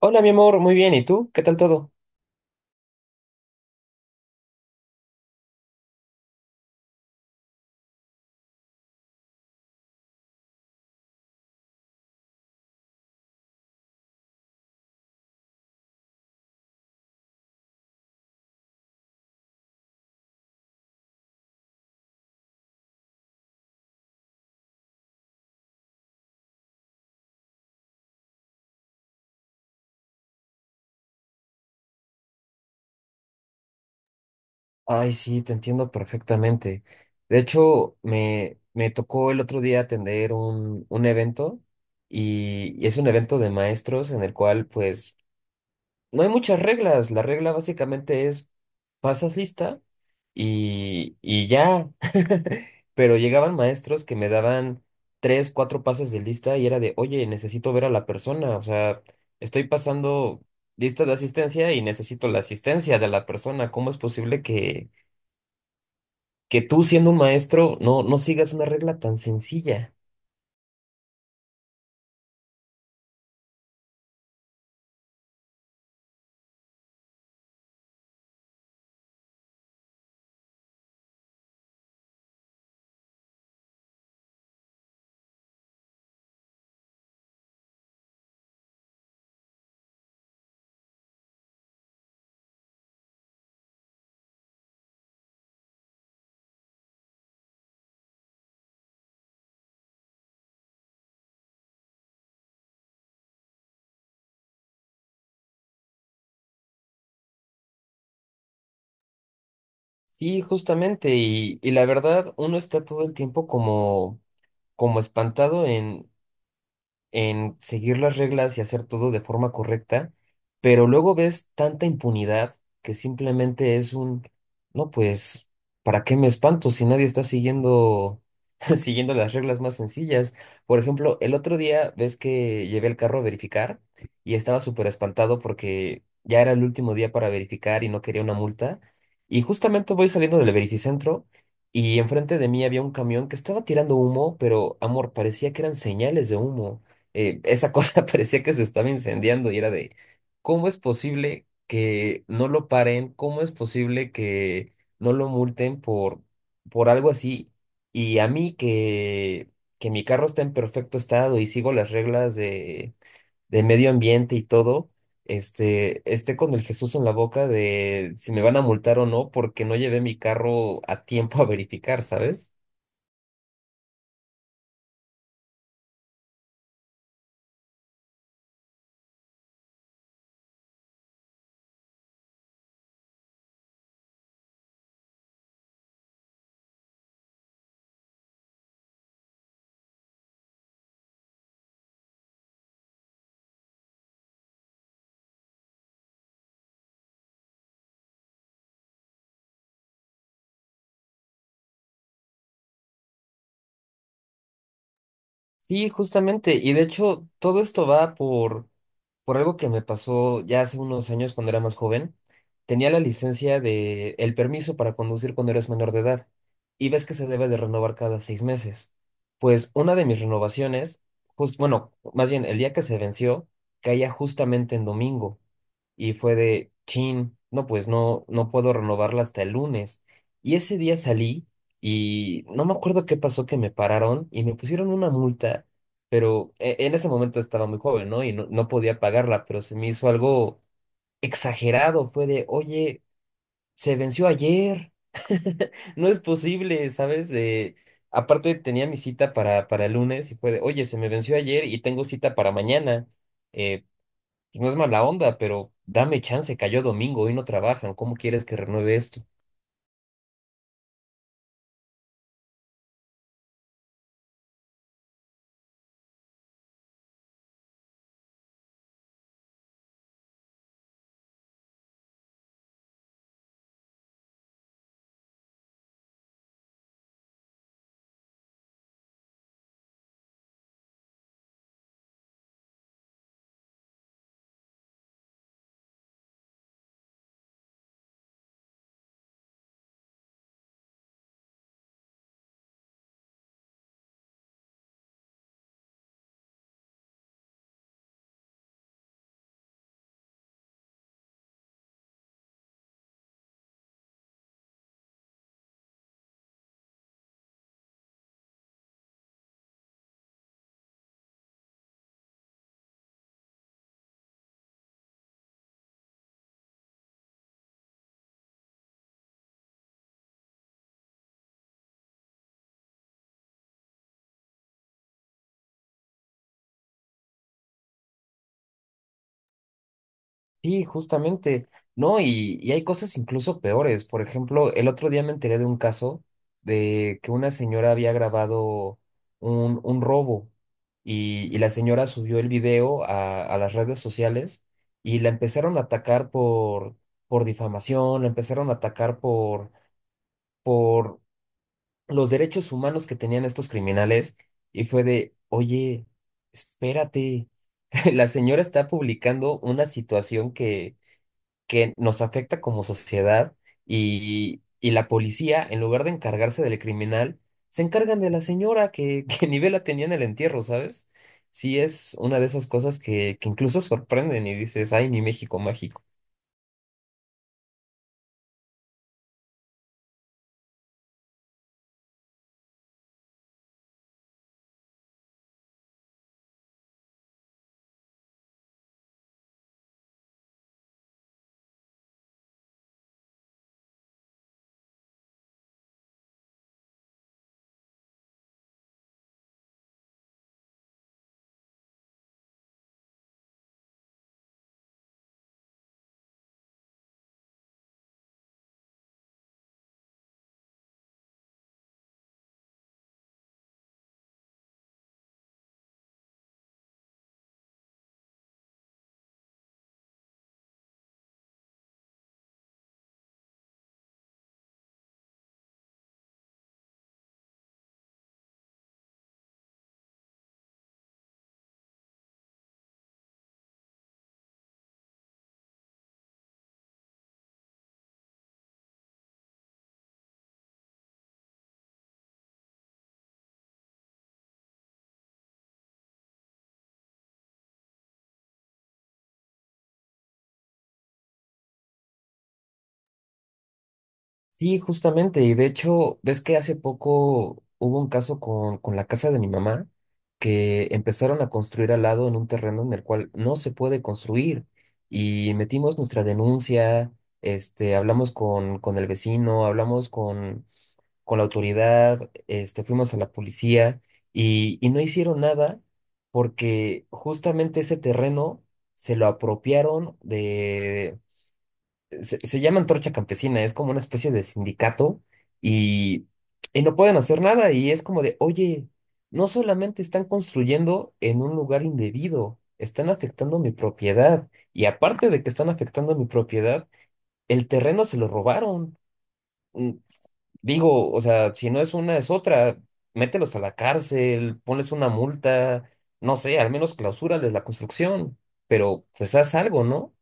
Hola, mi amor, muy bien. ¿Y tú? ¿Qué tal todo? Ay, sí, te entiendo perfectamente. De hecho, me tocó el otro día atender un evento y es un evento de maestros en el cual pues no hay muchas reglas. La regla básicamente es pasas lista y ya. Pero llegaban maestros que me daban tres, cuatro pases de lista y era de, oye, necesito ver a la persona. O sea, estoy pasando lista de asistencia y necesito la asistencia de la persona. ¿Cómo es posible que tú, siendo un maestro, no sigas una regla tan sencilla? Sí, justamente. Y la verdad, uno está todo el tiempo como, como espantado en seguir las reglas y hacer todo de forma correcta, pero luego ves tanta impunidad que simplemente es un, no, pues, ¿para qué me espanto si nadie está siguiendo, siguiendo las reglas más sencillas? Por ejemplo, el otro día ves que llevé el carro a verificar y estaba súper espantado porque ya era el último día para verificar y no quería una multa. Y justamente voy saliendo del verificentro. Y enfrente de mí había un camión que estaba tirando humo, pero amor, parecía que eran señales de humo, esa cosa parecía que se estaba incendiando y era de, ¿cómo es posible que no lo paren? ¿Cómo es posible que no lo multen por, algo así? Y a mí que mi carro está en perfecto estado y sigo las reglas de medio ambiente y todo, esté con el Jesús en la boca de si me van a multar o no porque no llevé mi carro a tiempo a verificar, ¿sabes? Sí, justamente. Y de hecho, todo esto va por algo que me pasó ya hace unos años cuando era más joven, tenía la licencia de el permiso para conducir cuando eres menor de edad y ves que se debe de renovar cada 6 meses. Pues una de mis renovaciones, bueno, más bien el día que se venció, caía justamente en domingo y fue de chin, no, pues no puedo renovarla hasta el lunes. Y ese día salí y no me acuerdo qué pasó que me pararon y me pusieron una multa, pero en ese momento estaba muy joven, ¿no? Y no podía pagarla, pero se me hizo algo exagerado, fue de, oye, se venció ayer, no es posible, ¿sabes? Aparte tenía mi cita para, el lunes y fue de, oye, se me venció ayer y tengo cita para mañana. Eh, pues no es mala onda, pero dame chance, cayó domingo, hoy no trabajan, ¿cómo quieres que renueve esto? Sí, justamente, ¿no? Y hay cosas incluso peores. Por ejemplo, el otro día me enteré de un caso de que una señora había grabado un robo y la señora subió el video a, las redes sociales y la empezaron a atacar por, difamación, la empezaron a atacar por los derechos humanos que tenían estos criminales y fue de, oye, espérate, la señora está publicando una situación que nos afecta como sociedad y la policía, en lugar de encargarse del criminal, se encargan de la señora que, que ni vela tenía en el entierro, ¿sabes? Sí, es una de esas cosas que, incluso sorprenden y dices, ay, mi México mágico. Sí, justamente, y de hecho, ves que hace poco hubo un caso con la casa de mi mamá, que empezaron a construir al lado en un terreno en el cual no se puede construir, y metimos nuestra denuncia, hablamos con, el vecino, hablamos con la autoridad, fuimos a la policía, y no hicieron nada porque justamente ese terreno se lo apropiaron. Se llama Antorcha Campesina, es como una especie de sindicato y, y no pueden hacer nada y es como de, oye, no solamente están construyendo en un lugar indebido, están afectando mi propiedad y aparte de que están afectando mi propiedad, el terreno se lo robaron. Mm, Digo, o sea, si no es una, es otra, mételos a la cárcel, ponles una multa, no sé, al menos clausúrales la construcción, pero pues haz algo, ¿no?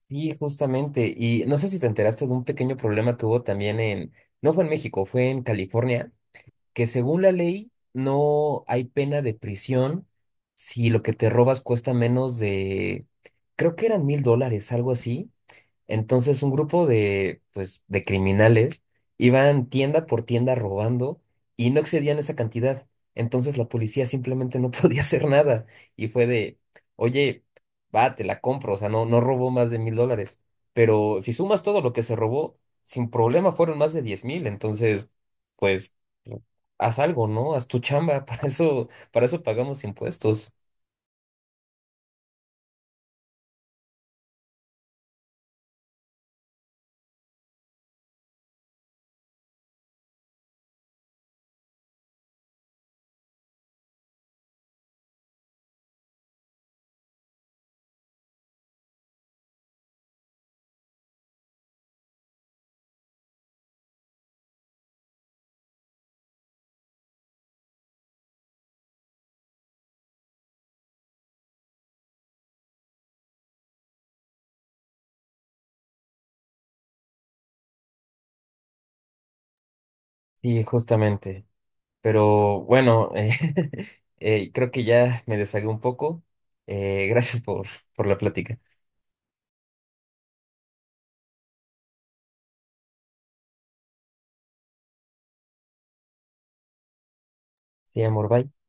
Sí, justamente. Y no sé si te enteraste de un pequeño problema que hubo también en, no fue en México, fue en California, que según la ley no hay pena de prisión si lo que te robas cuesta menos de, creo que eran $1,000, algo así. Entonces un grupo pues, de criminales iban tienda por tienda robando y no excedían esa cantidad. Entonces la policía simplemente no podía hacer nada y fue de, oye, va, te la compro, o sea, no robó más de $1,000, pero si sumas todo lo que se robó, sin problema fueron más de 10,000, entonces, pues, haz algo, ¿no? Haz tu chamba, para eso pagamos impuestos. Y justamente. Pero bueno, creo que ya me deshagué un poco. Gracias por, la plática. Sí, amor, bye.